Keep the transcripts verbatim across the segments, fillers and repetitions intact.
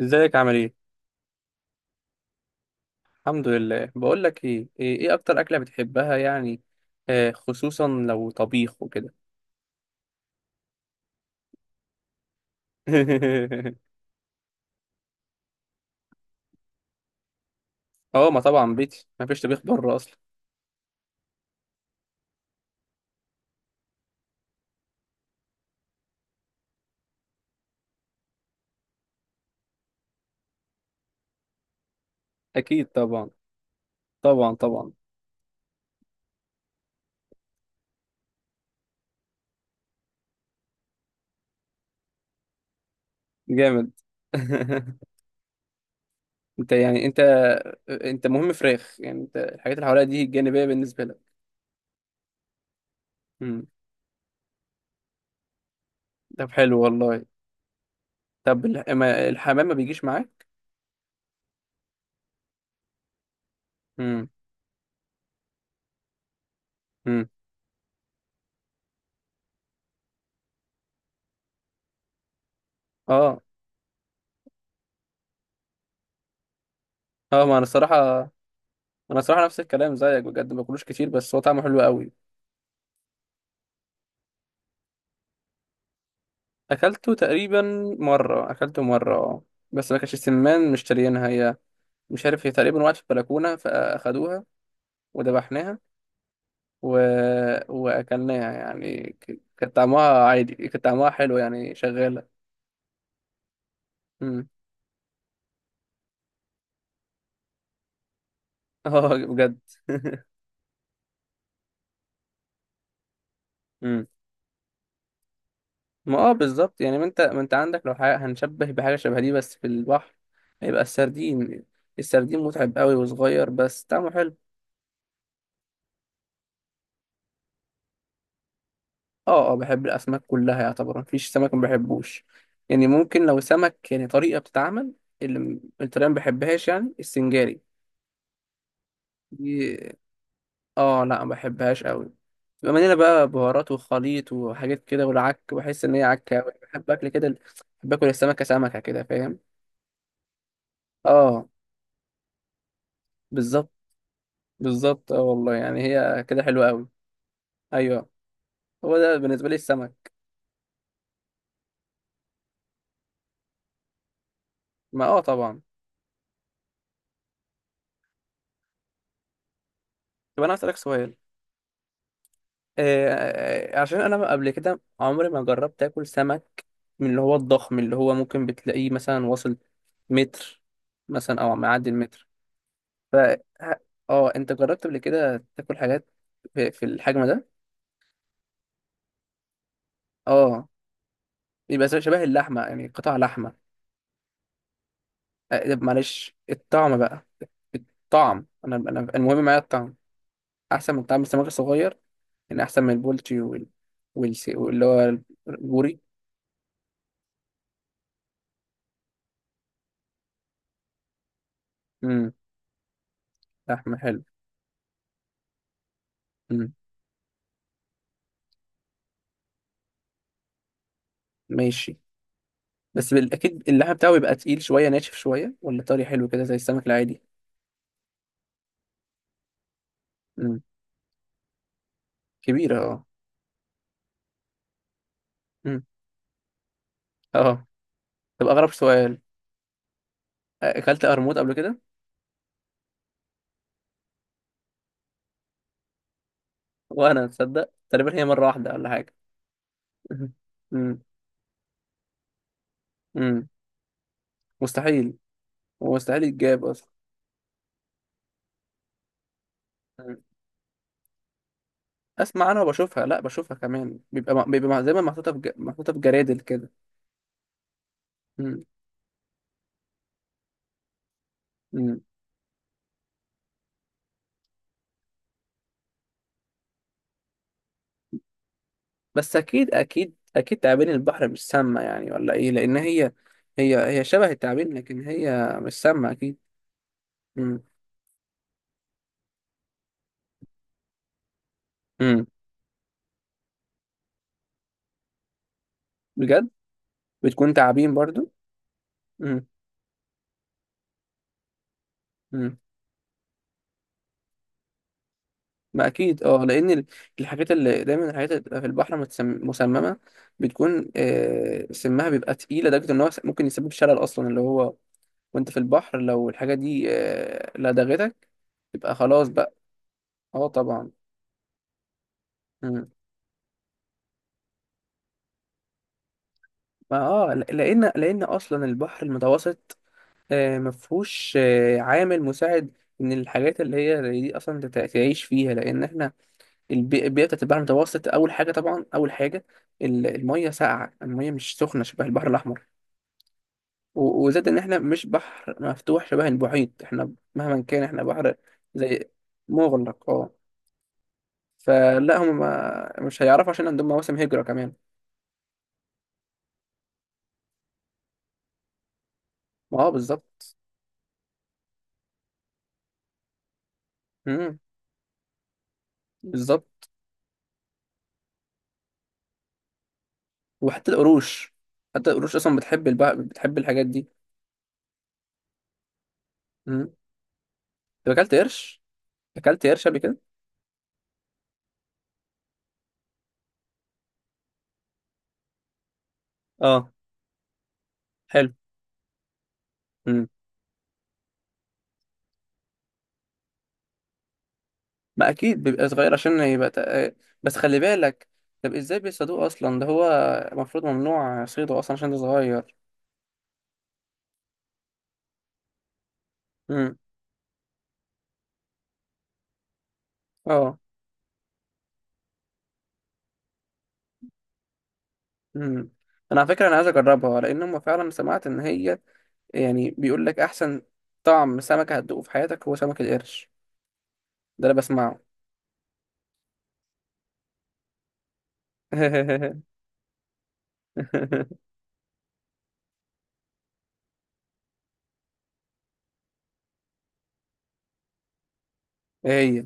ازيك، عامل ايه؟ الحمد لله. بقول لك ايه ايه إيه اكتر اكله بتحبها يعني؟ آه، خصوصا لو طبيخ وكده. اه، ما طبعا بيتي ما فيش طبيخ بره اصلا. اكيد طبعا. طبعا طبعا. جامد. انت يعني انت انت مهم فراخ، يعني انت الحاجات اللي حواليها دي جانبيه بالنسبه لك؟ امم. طب، حلو والله. طب، الح- ما- الحمام ما بيجيش معاك؟ امم. امم. اه، اه، ما انا الصراحه انا الصراحه نفس الكلام زيك، بجد ما باكلوش كتير، بس هو طعمه حلو قوي. اكلته تقريبا. مره، اكلته مره، آه. بس ما كانش سمان مشتريينها هي. مش عارف، هي تقريبا وقعت في البلكونه فاخدوها وذبحناها و... واكلناها، يعني ك- كان طعمها عادي، كان طعمها حلو يعني، شغاله. امم. اه، بجد. امم. ما اه بالظبط، يعني ما انت ما انت عندك، لو حاجة هنشبه بحاجه شبه دي بس في البحر هيبقى السردين. السردين متعب قوي وصغير، بس طعمه حلو. اه، اه، بحب الاسماك كلها يعتبر، مفيش سمك ما بحبوش. يعني ممكن لو سمك يعني طريقه بتتعمل، اللي م- الطريقه ما بحبهاش، يعني السنجاري دي. اه، لا، ما بحبهاش قوي. بما مليانه بقى بهارات وخليط وحاجات كده والعك، بحس ان هي عكه أوي. بحب اكل كده ال- بحب اكل السمكه سمكه كده، فاهم؟ اه، بالظبط. بالظبط، اه والله يعني هي كده حلوه قوي. ايوه، هو ده بالنسبه لي السمك. ما اه طبعا. طب، انا هسألك سؤال. آه آه، آه، عشان انا قبل كده عمري ما جربت اكل سمك من اللي هو الضخم، اللي هو ممكن بتلاقيه مثلا واصل متر، مثلا او معدي المتر. ف ه- اه انت جربت قبل كده تاكل حاجات في في الحجم ده؟ اه، يبقى زي- شبه اللحمه، يعني قطع لحمه. آه، معلش الطعم بقى. الطعم، انا انا المهم معايا الطعم. احسن من طعم السمك الصغير، يعني احسن من البولتي، وال والس- واللي هو البوري. امم. لحمه حلو. امم. ماشي. بس بال- اكيد اللحم بتاعه بيبقى تقيل شويه، ناشف شويه، ولا طري حلو كده زي السمك العادي؟ إمم. كبيرة، اه. مم. اه، طب، أغرب سؤال. أكلت قرموط قبل كده؟ وأنا، تصدق، تقريبا هي مرة واحدة ولا حاجة. مم. مم. مم. مستحيل، مستحيل يتجاب أصلا. مم. أسمع، أنا وبشوفها. لا، بشوفها كمان بيبقى م- بيبقى مع- دايما محطوطة في ج... محطوطة في جرادل كده. مم. مم. بس أكيد، أكيد، أكيد تعابين البحر مش سامة يعني، ولا إيه؟ لأن هي هي هي شبه التعابين، لكن هي مش سامة أكيد. مم. مم. بجد؟ بتكون تعابين برضو؟ مم. مم. ما اكيد، اه لان ال- الحاجات اللي دايما، الحاجات اللي بتبقى في البحر متسم- مسممه، بتكون، آه، سمها بيبقى تقيل لدرجه ان هو س- ممكن يسبب شلل اصلا، اللي هو وانت في البحر لو الحاجه دي آه، لدغتك، يبقى خلاص بقى. اه، طبعا. مم. ما اه ل- لان لان اصلا البحر المتوسط آه، مفهوش آه، عامل مساعد ان الحاجات اللي هي زي دي اصلا تت- تعيش فيها، لان احنا البي- البيئه بتاعت البحر المتوسط، اول حاجه طبعا، اول حاجه ال- الميه ساقعه، الميه مش سخنه شبه البحر الاحمر. و- وزاد ان احنا مش بحر مفتوح شبه المحيط، احنا مهما كان احنا بحر زي مغلق، اه. فلا هم ما مش هيعرفوا، عشان عندهم مواسم هجرة كمان. ما اه بالظبط. امم. بالظبط. وحتى القروش. حتى القروش اصلا بتحب البحر، بتحب الحاجات دي. امم. طب، اكلت قرش اكلت قرش قبل كده؟ اه، حلو. مم. ما اكيد بيبقى صغير عشان يبقى تق... بس خلي بالك. طب، ازاي بيصيدوه اصلا؟ ده هو المفروض ممنوع صيده اصلا، عشان ده صغير. امم. اه. امم. انا على فكره، انا عايز اجربها، لان هم فعلا، سمعت ان هي يعني بيقول لك احسن طعم سمك هتدوقه في حياتك هو سمك القرش. ده انا بسمعه. هي،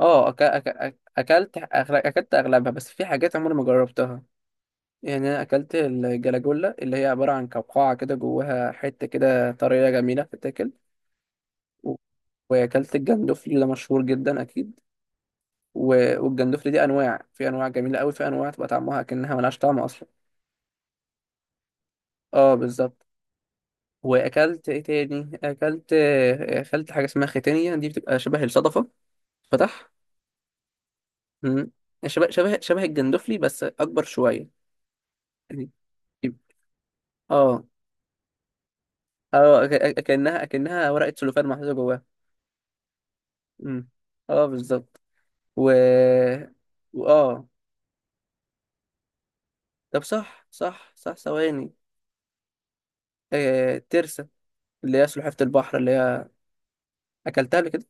اه أك... أك... أك- اكلت أغل... اكلت اغلبها، بس في حاجات عمري ما جربتها. يعني انا اكلت الجلاجولا، اللي هي عباره عن قوقعه كده جواها حته كده طريه جميله بتتاكل. و- واكلت الجندفلي، ده مشهور جدا اكيد. و- والجندفلي دي انواع، في انواع جميله قوي، في انواع تبقى طعمها كأنها ملهاش طعم اصلا. اه، بالظبط. واكلت ايه تاني، اكلت اكلت حاجه اسمها ختانيه، دي بتبقى شبه الصدفه فتح. مم. شبه شبه شبه الجندفلي بس اكبر شويه يعني. اه، اه، أك- أك- كأنها كأنها ورقه سلوفان محطوطه جواها. مم. اه، بالظبط. و وآه طب، صح، صح، صح، ثواني. آه... ترسة، اللي هي سلحفاة البحر، اللي هي أكلتها قبل كده؟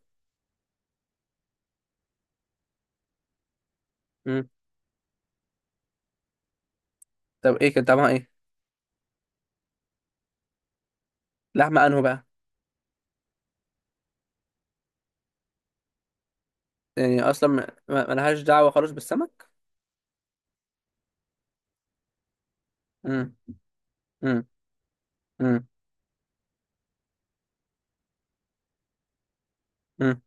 مم. طب، إيه كان طعمها إيه؟ لحمة أنهو بقى؟ يعني أصلا، ما ما- ملهاش دعوة خالص بالسمك؟ مم. مم. مم. مم.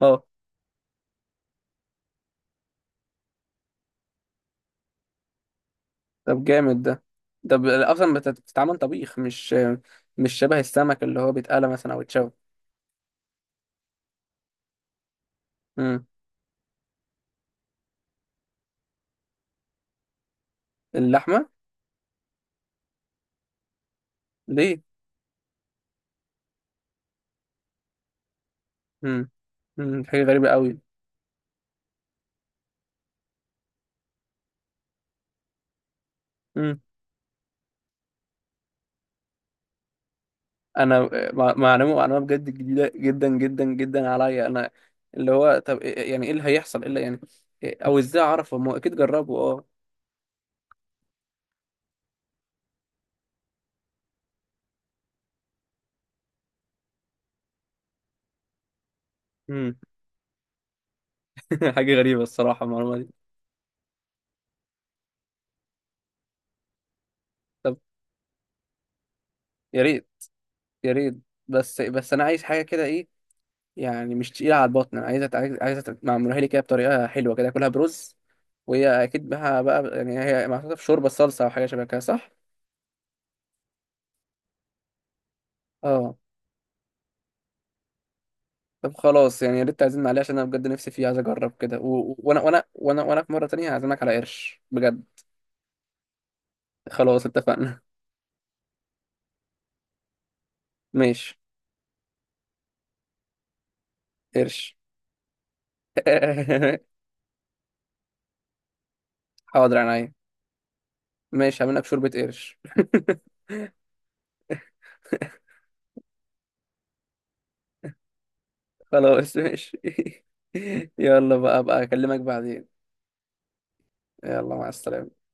آه. طب، جامد ده. طب، أصلا بت- بتتعمل طبيخ، مش مش شبه السمك اللي هو بيتقلى مثلا أو يتشوى؟ مم. اللحمة؟ ليه؟ مم. مم. حاجة غريبة قوي. انا مع- معلومه معلومه بجد جديده جدا جدا جدا عليا انا. اللي هو، طب، إيه- يعني ايه اللي هيحصل الا يعني؟ إيه- او ازاي اعرف؟ هم اكيد جربوا. اه. امم. حاجه غريبه الصراحه المعلومه دي. طب، يا ريت، يا ريت. بس بس انا عايز حاجه كده ايه، يعني مش تقيله على البطن، انا عايزه عايز عايزه معمولها لي كده بطريقه حلوه كده اكلها برز. وهي اكيد بها بقى، يعني هي محطوطه في شوربه صلصه، او حاجه شبه كده، صح؟ اه. طب، خلاص يعني، يا ريت تعزمنا عليه، عشان انا بجد نفسي فيه، عايز اجرب كده، و- و- وانا وانا وانا وانا في مره تانية هعزمك على قرش بجد. خلاص اتفقنا. ماشي. قرش. حاضر عينيا، ماشي، هعمل لك شوربه قرش. خلاص، ماشي. يلا، بقى بقى اكلمك بعدين. يلا، مع السلامه.